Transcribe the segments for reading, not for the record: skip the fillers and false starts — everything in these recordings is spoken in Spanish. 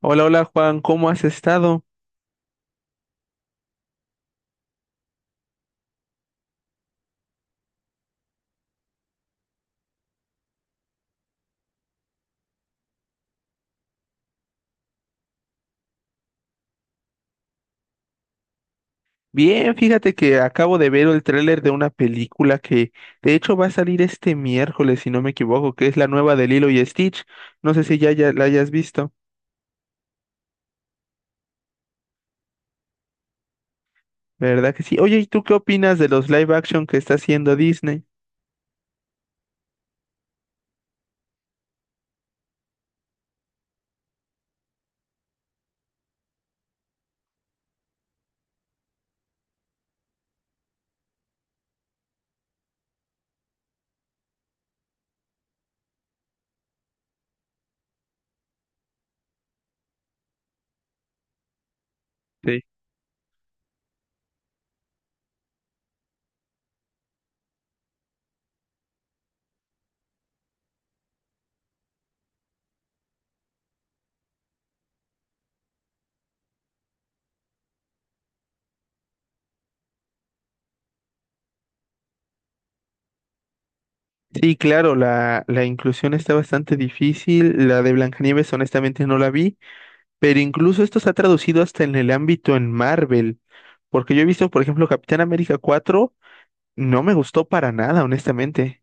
Hola, hola Juan, ¿cómo has estado? Bien, fíjate que acabo de ver el tráiler de una película que de hecho va a salir este miércoles, si no me equivoco, que es la nueva de Lilo y Stitch. No sé si ya la hayas visto, ¿verdad que sí? Oye, ¿y tú qué opinas de los live action que está haciendo Disney? Sí. Sí, claro, la inclusión está bastante difícil. La de Blancanieves, honestamente, no la vi, pero incluso esto se ha traducido hasta en el ámbito en Marvel, porque yo he visto, por ejemplo, Capitán América 4. No me gustó para nada, honestamente.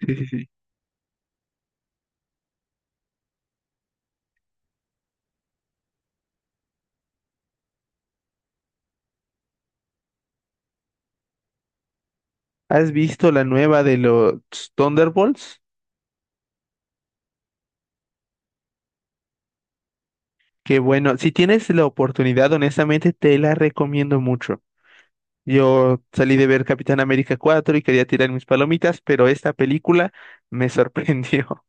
Sí, sí, sí. ¿Has visto la nueva de los Thunderbolts? Que bueno, si tienes la oportunidad, honestamente, te la recomiendo mucho. Yo salí de ver Capitán América 4 y quería tirar mis palomitas, pero esta película me sorprendió.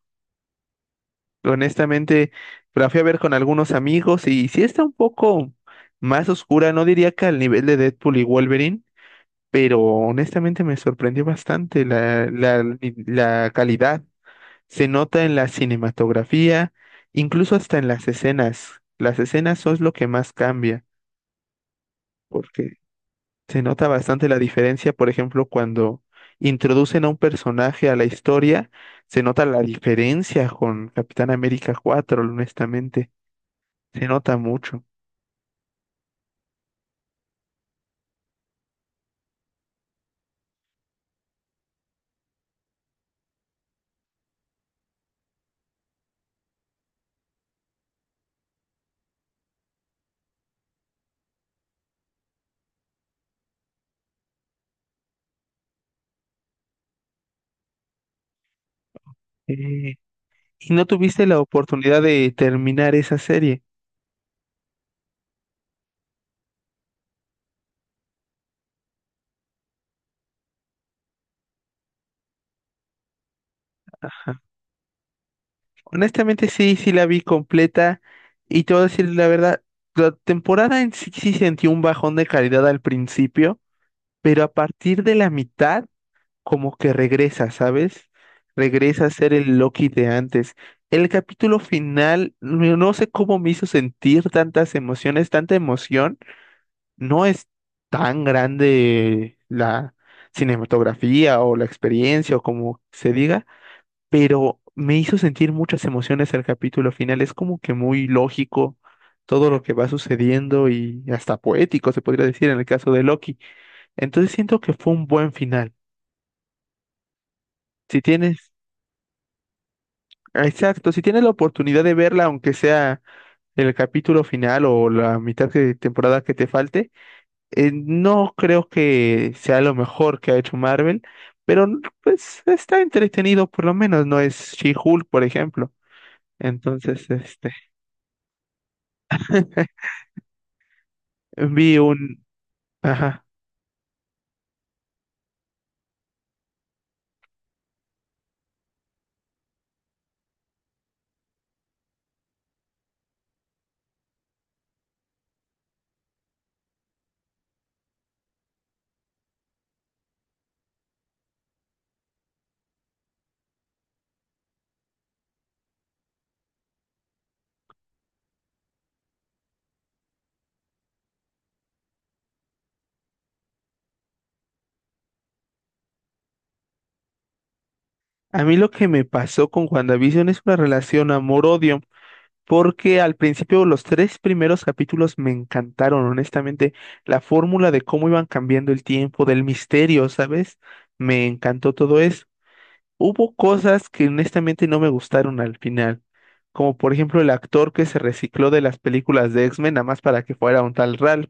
Honestamente, la fui a ver con algunos amigos y sí está un poco más oscura, no diría que al nivel de Deadpool y Wolverine, pero honestamente me sorprendió bastante la calidad. Se nota en la cinematografía, incluso hasta en las escenas. Las escenas son lo que más cambia, porque se nota bastante la diferencia, por ejemplo, cuando introducen a un personaje a la historia, se nota la diferencia con Capitán América cuatro, honestamente, se nota mucho. Eh, ¿Y no tuviste la oportunidad de terminar esa serie? Ajá. Honestamente sí, sí la vi completa y te voy a decir la verdad, la temporada en sí sí sentí un bajón de calidad al principio, pero a partir de la mitad como que regresa, ¿sabes? Regresa a ser el Loki de antes. El capítulo final, no no sé cómo me hizo sentir tantas emociones, tanta emoción. No es tan grande la cinematografía o la experiencia o como se diga, pero me hizo sentir muchas emociones el capítulo final. Es como que muy lógico todo lo que va sucediendo y hasta poético, se podría decir en el caso de Loki. Entonces siento que fue un buen final. Si tienes, exacto, si tienes la oportunidad de verla, aunque sea el capítulo final o la mitad de temporada que te falte, no creo que sea lo mejor que ha hecho Marvel, pero pues está entretenido, por lo menos no es She-Hulk, por ejemplo. Entonces. Vi un... Ajá. A mí lo que me pasó con WandaVision es una relación amor-odio, porque al principio los tres primeros capítulos me encantaron, honestamente. La fórmula de cómo iban cambiando el tiempo, del misterio, ¿sabes? Me encantó todo eso. Hubo cosas que honestamente no me gustaron al final, como por ejemplo el actor que se recicló de las películas de X-Men, nada más para que fuera un tal Ralph.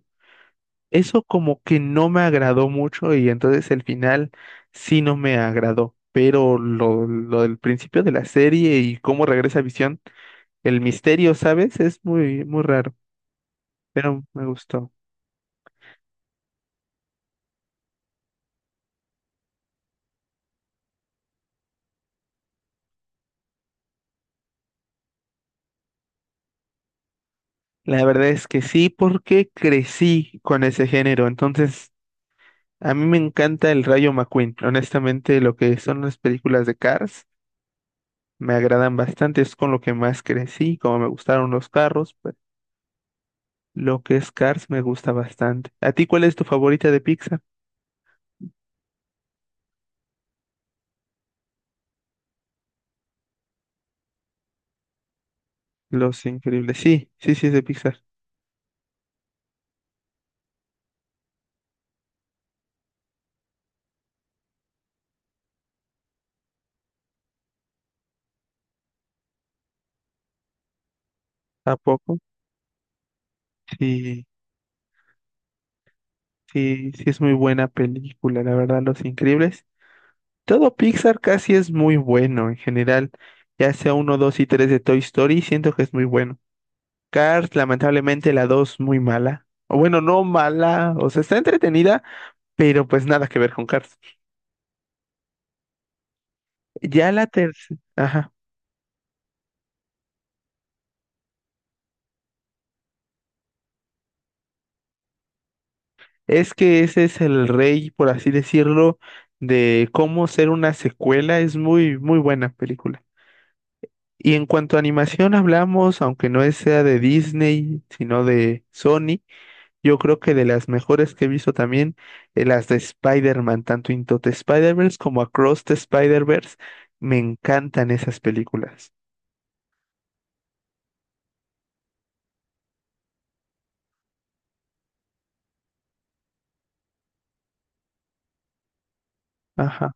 Eso como que no me agradó mucho y entonces el final sí no me agradó, pero lo del principio de la serie y cómo regresa Visión, el misterio, ¿sabes? Es muy, muy raro, pero me gustó. La verdad es que sí, porque crecí con ese género, entonces a mí me encanta el Rayo McQueen. Honestamente, lo que son las películas de Cars me agradan bastante, es con lo que más crecí, como me gustaron los carros. Lo que es Cars me gusta bastante. ¿A ti cuál es tu favorita de Pixar? Los Increíbles. Sí, sí, sí es de Pixar. ¿A poco? Sí, sí, sí es muy buena película, la verdad, Los Increíbles. Todo Pixar casi es muy bueno en general. Ya sea uno, dos y tres de Toy Story, siento que es muy bueno. Cars, lamentablemente, la dos muy mala. O bueno, no mala, o sea, está entretenida, pero pues nada que ver con Cars. Ya la tercera. Es que ese es el rey, por así decirlo, de cómo ser una secuela. Es muy, muy buena película. Y en cuanto a animación hablamos, aunque no es- sea de Disney, sino de Sony, yo creo que de las mejores que he visto también, las de Spider-Man, tanto Into the Spider-Verse como Across the Spider-Verse, me encantan esas películas. Ajá.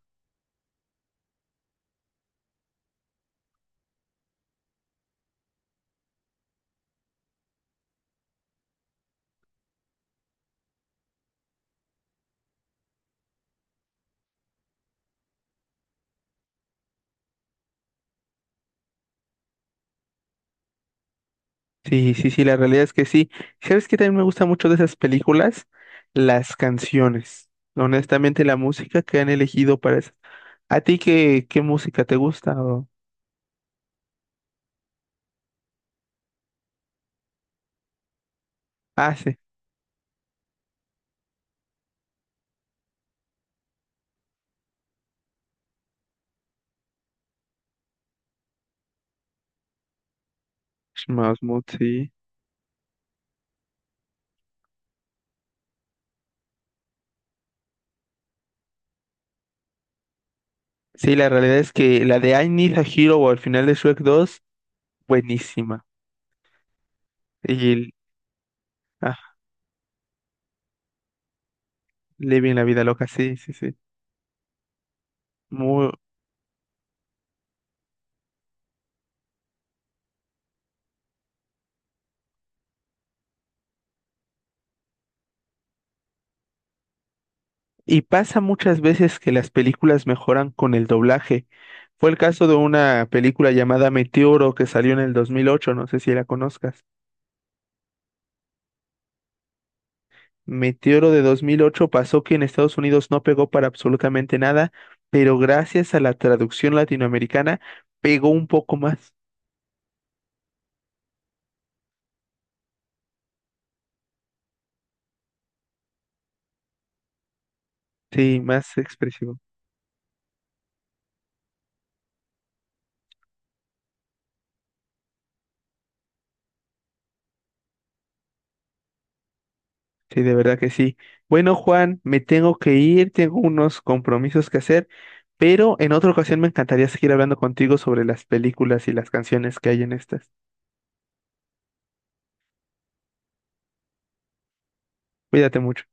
Sí, sí, sí, la realidad es que sí. ¿Sabes qué también me gusta mucho de esas películas? Las canciones. Honestamente, la música que han elegido para eso. ¿A ti qué música te gusta? Ah, sí. Smash Mouth, sí. Sí, la realidad es que la de I Need a Hero o al final de Shrek 2, buenísima. Y el- ah, Living la vida loca, sí, sí, sí. Muy, Y pasa muchas veces que las películas mejoran con el doblaje. Fue el caso de una película llamada Meteoro que salió en el dos mil ocho. No sé si la conozcas. Meteoro de 2008 pasó que en Estados Unidos no pegó para absolutamente nada, pero gracias a la traducción latinoamericana pegó un poco más, sí, más expresivo. Sí, de verdad que sí. Bueno, Juan, me tengo que ir, tengo unos compromisos que hacer, pero en otra ocasión me encantaría seguir hablando contigo sobre las películas y las canciones que hay en estas. Cuídate mucho.